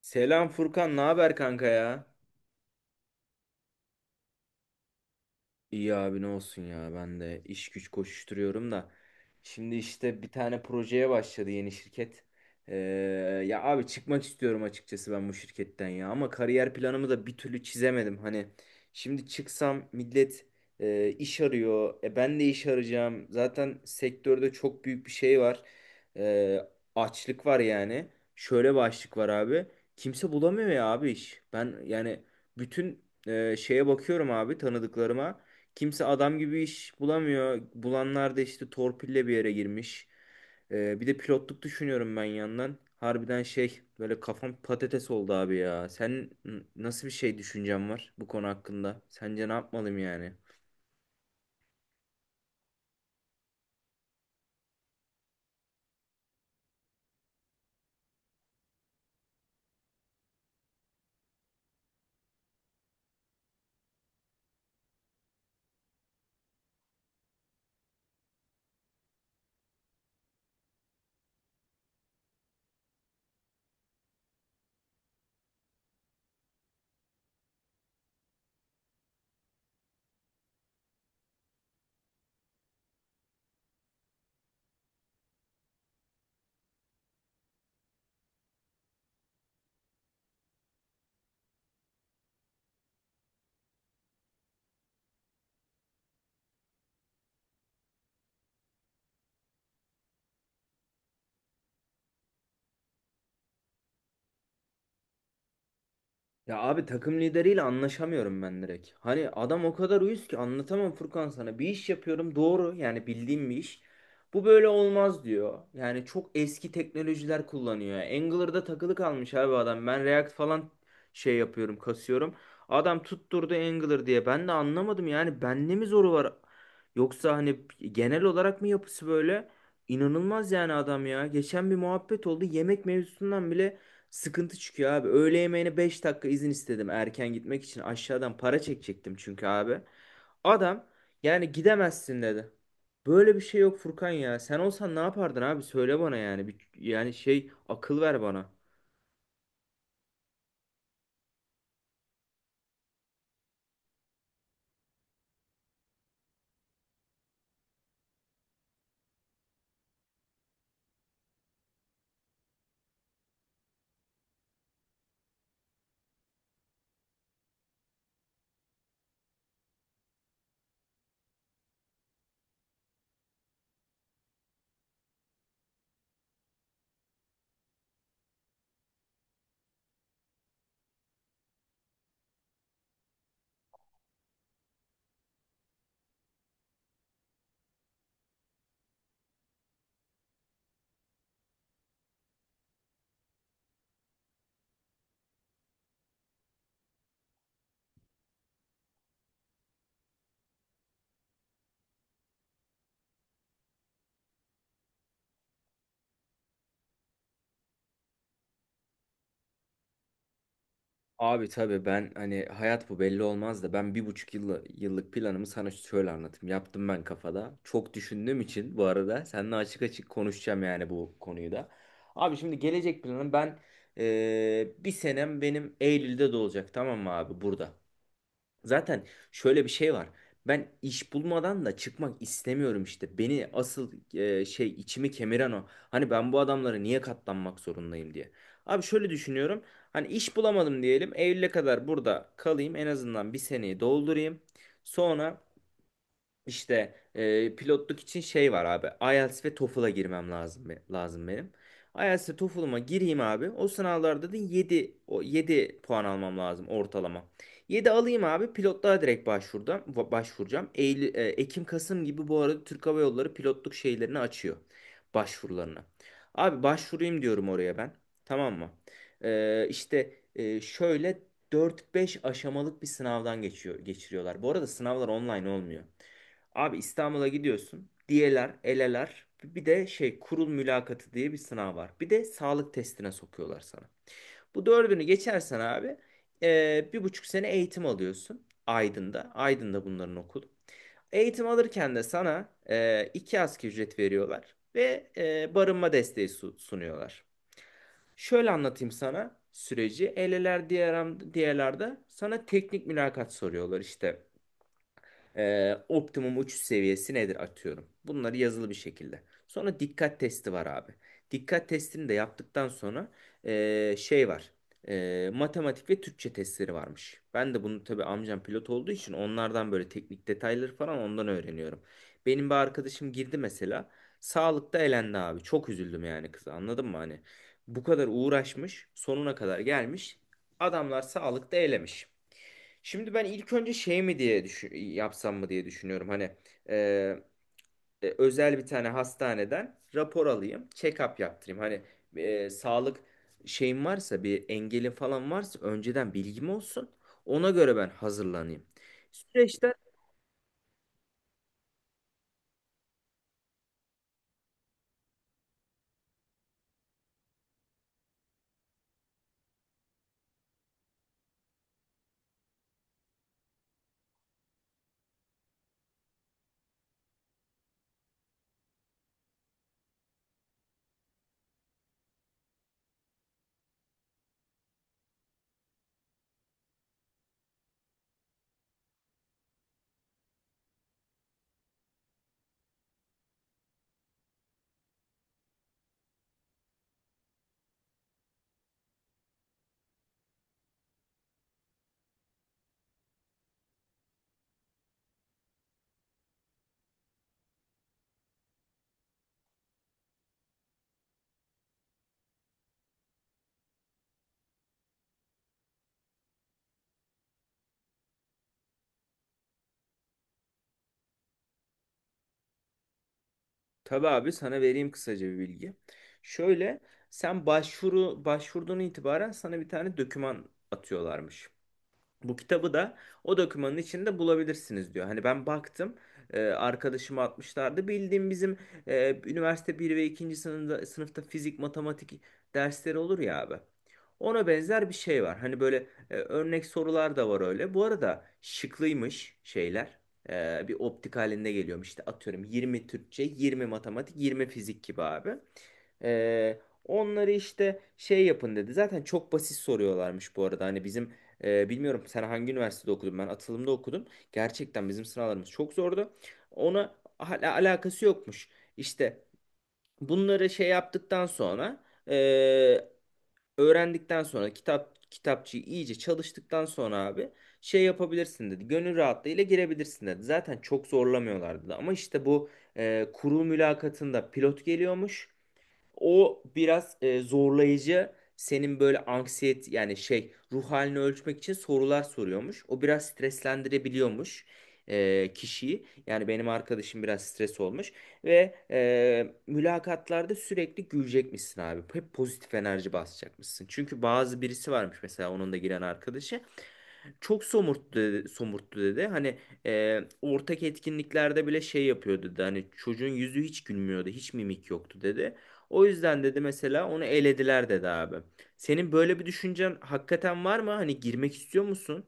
Selam Furkan, ne haber kanka ya? İyi abi ne olsun ya ben de iş güç koşuşturuyorum da. Şimdi işte bir tane projeye başladı yeni şirket. Ee, Ya abi çıkmak istiyorum açıkçası ben bu şirketten ya ama kariyer planımı da bir türlü çizemedim. Hani şimdi çıksam millet iş arıyor. Ben de iş arayacağım. Zaten sektörde çok büyük bir şey var. Ee, Açlık var yani. Şöyle bir açlık var abi. Kimse bulamıyor ya abi iş. Ben yani bütün şeye bakıyorum abi, tanıdıklarıma. Kimse adam gibi iş bulamıyor. Bulanlar da işte torpille bir yere girmiş. Bir de pilotluk düşünüyorum ben yandan. Harbiden şey böyle kafam patates oldu abi ya. Sen nasıl bir şey düşüncen var bu konu hakkında? Sence ne yapmalıyım yani? Ya abi takım lideriyle anlaşamıyorum ben direkt. Hani adam o kadar uyuz ki anlatamam Furkan sana. Bir iş yapıyorum doğru, yani bildiğim bir iş. Bu böyle olmaz diyor. Yani çok eski teknolojiler kullanıyor. Angular'da takılı kalmış abi adam. Ben React falan şey yapıyorum, kasıyorum. Adam tutturdu Angular diye. Ben de anlamadım, yani bende mi zoru var? Yoksa hani genel olarak mı yapısı böyle? İnanılmaz yani adam ya. Geçen bir muhabbet oldu. Yemek mevzusundan bile sıkıntı çıkıyor abi. Öğle yemeğine 5 dakika izin istedim erken gitmek için. Aşağıdan para çekecektim çünkü abi. Adam yani gidemezsin dedi. Böyle bir şey yok Furkan ya. Sen olsan ne yapardın abi? Söyle bana yani. Bir, yani şey akıl ver bana. Abi tabii ben hani hayat bu belli olmaz da ben bir buçuk yıllık planımı sana şöyle anlatayım. Yaptım ben kafada. Çok düşündüğüm için bu arada seninle açık açık konuşacağım yani bu konuyu da. Abi şimdi gelecek planım ben bir senem benim Eylül'de de olacak, tamam mı abi, burada. Zaten şöyle bir şey var. Ben iş bulmadan da çıkmak istemiyorum işte. Beni asıl şey içimi kemiren o. Hani ben bu adamlara niye katlanmak zorundayım diye. Abi şöyle düşünüyorum. Hani iş bulamadım diyelim. Eylül'e kadar burada kalayım. En azından bir seneyi doldurayım. Sonra işte pilotluk için şey var abi. IELTS ve TOEFL'a girmem lazım, lazım benim. IELTS ve TOEFL'ıma gireyim abi. O sınavlarda da yedi, o 7 puan almam lazım ortalama. Yedi alayım abi. Pilotluğa direkt başvurdum. Başvuracağım. Eylül, Ekim Kasım gibi bu arada Türk Hava Yolları pilotluk şeylerini açıyor. Başvurularını. Abi başvurayım diyorum oraya ben. Tamam mı? Şöyle dört beş aşamalık bir sınavdan geçiriyorlar. Bu arada sınavlar online olmuyor. Abi İstanbul'a gidiyorsun. Diyeler, eleler. Bir de şey kurul mülakatı diye bir sınav var. Bir de sağlık testine sokuyorlar sana. Bu dördünü geçersen abi bir buçuk sene eğitim alıyorsun Aydın'da. Aydın'da bunların okulu. Eğitim alırken de sana iki asgari ücret veriyorlar ve barınma desteği sunuyorlar. Şöyle anlatayım sana süreci. Eleler, diğerlerde sana teknik mülakat soruyorlar işte. Optimum uçuş seviyesi nedir atıyorum. Bunları yazılı bir şekilde. Sonra dikkat testi var abi. Dikkat testini de yaptıktan sonra şey var. Matematik ve Türkçe testleri varmış. Ben de bunu tabii amcam pilot olduğu için onlardan böyle teknik detayları falan ondan öğreniyorum. Benim bir arkadaşım girdi mesela. Sağlıkta elendi abi. Çok üzüldüm yani kıza. Anladın mı hani? Bu kadar uğraşmış, sonuna kadar gelmiş. Adamlar sağlıkta elemiş. Şimdi ben ilk önce şey mi diye düşün, yapsam mı diye düşünüyorum. Hani e, özel bir tane hastaneden rapor alayım, check-up yaptırayım. Hani sağlık şeyim varsa, bir engelin falan varsa, önceden bilgim olsun. Ona göre ben hazırlanayım. Süreçte tabii abi sana vereyim kısaca bir bilgi. Şöyle, sen başvuru başvurduğun itibaren sana bir tane doküman atıyorlarmış. Bu kitabı da o dokümanın içinde bulabilirsiniz diyor. Hani ben baktım arkadaşıma atmışlardı. Bildiğim bizim üniversite bir ve 2. Sınıfta fizik, matematik dersleri olur ya abi. Ona benzer bir şey var. Hani böyle örnek sorular da var öyle. Bu arada şıklıymış şeyler. Bir optik halinde geliyormuş. İşte atıyorum 20 Türkçe, 20 matematik, 20 fizik gibi abi. E, Onları işte şey yapın dedi. Zaten çok basit soruyorlarmış bu arada. Hani bizim bilmiyorum sen hangi üniversitede okudun? Ben atılımda okudum. Gerçekten bizim sınavlarımız çok zordu. Ona hala alakası yokmuş. İşte bunları şey yaptıktan sonra e, öğrendikten sonra, kitapçıyı iyice çalıştıktan sonra abi şey yapabilirsin dedi. Gönül rahatlığıyla girebilirsin dedi. Zaten çok zorlamıyorlardı da. Ama işte bu kurul mülakatında pilot geliyormuş. O biraz zorlayıcı. Senin böyle anksiyet yani şey ruh halini ölçmek için sorular soruyormuş. O biraz streslendirebiliyormuş kişiyi. Yani benim arkadaşım biraz stres olmuş. Ve mülakatlarda sürekli gülecekmişsin abi. Hep pozitif enerji basacakmışsın. Çünkü bazı birisi varmış mesela, onun da giren arkadaşı. Çok somurttu dedi, somurttu dedi. Hani ortak etkinliklerde bile şey yapıyordu dedi. Hani çocuğun yüzü hiç gülmüyordu. Hiç mimik yoktu dedi. O yüzden dedi mesela onu elediler dedi abi. Senin böyle bir düşüncen hakikaten var mı? Hani girmek istiyor musun?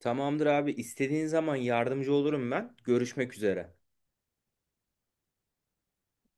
Tamamdır abi, istediğin zaman yardımcı olurum ben. Görüşmek üzere.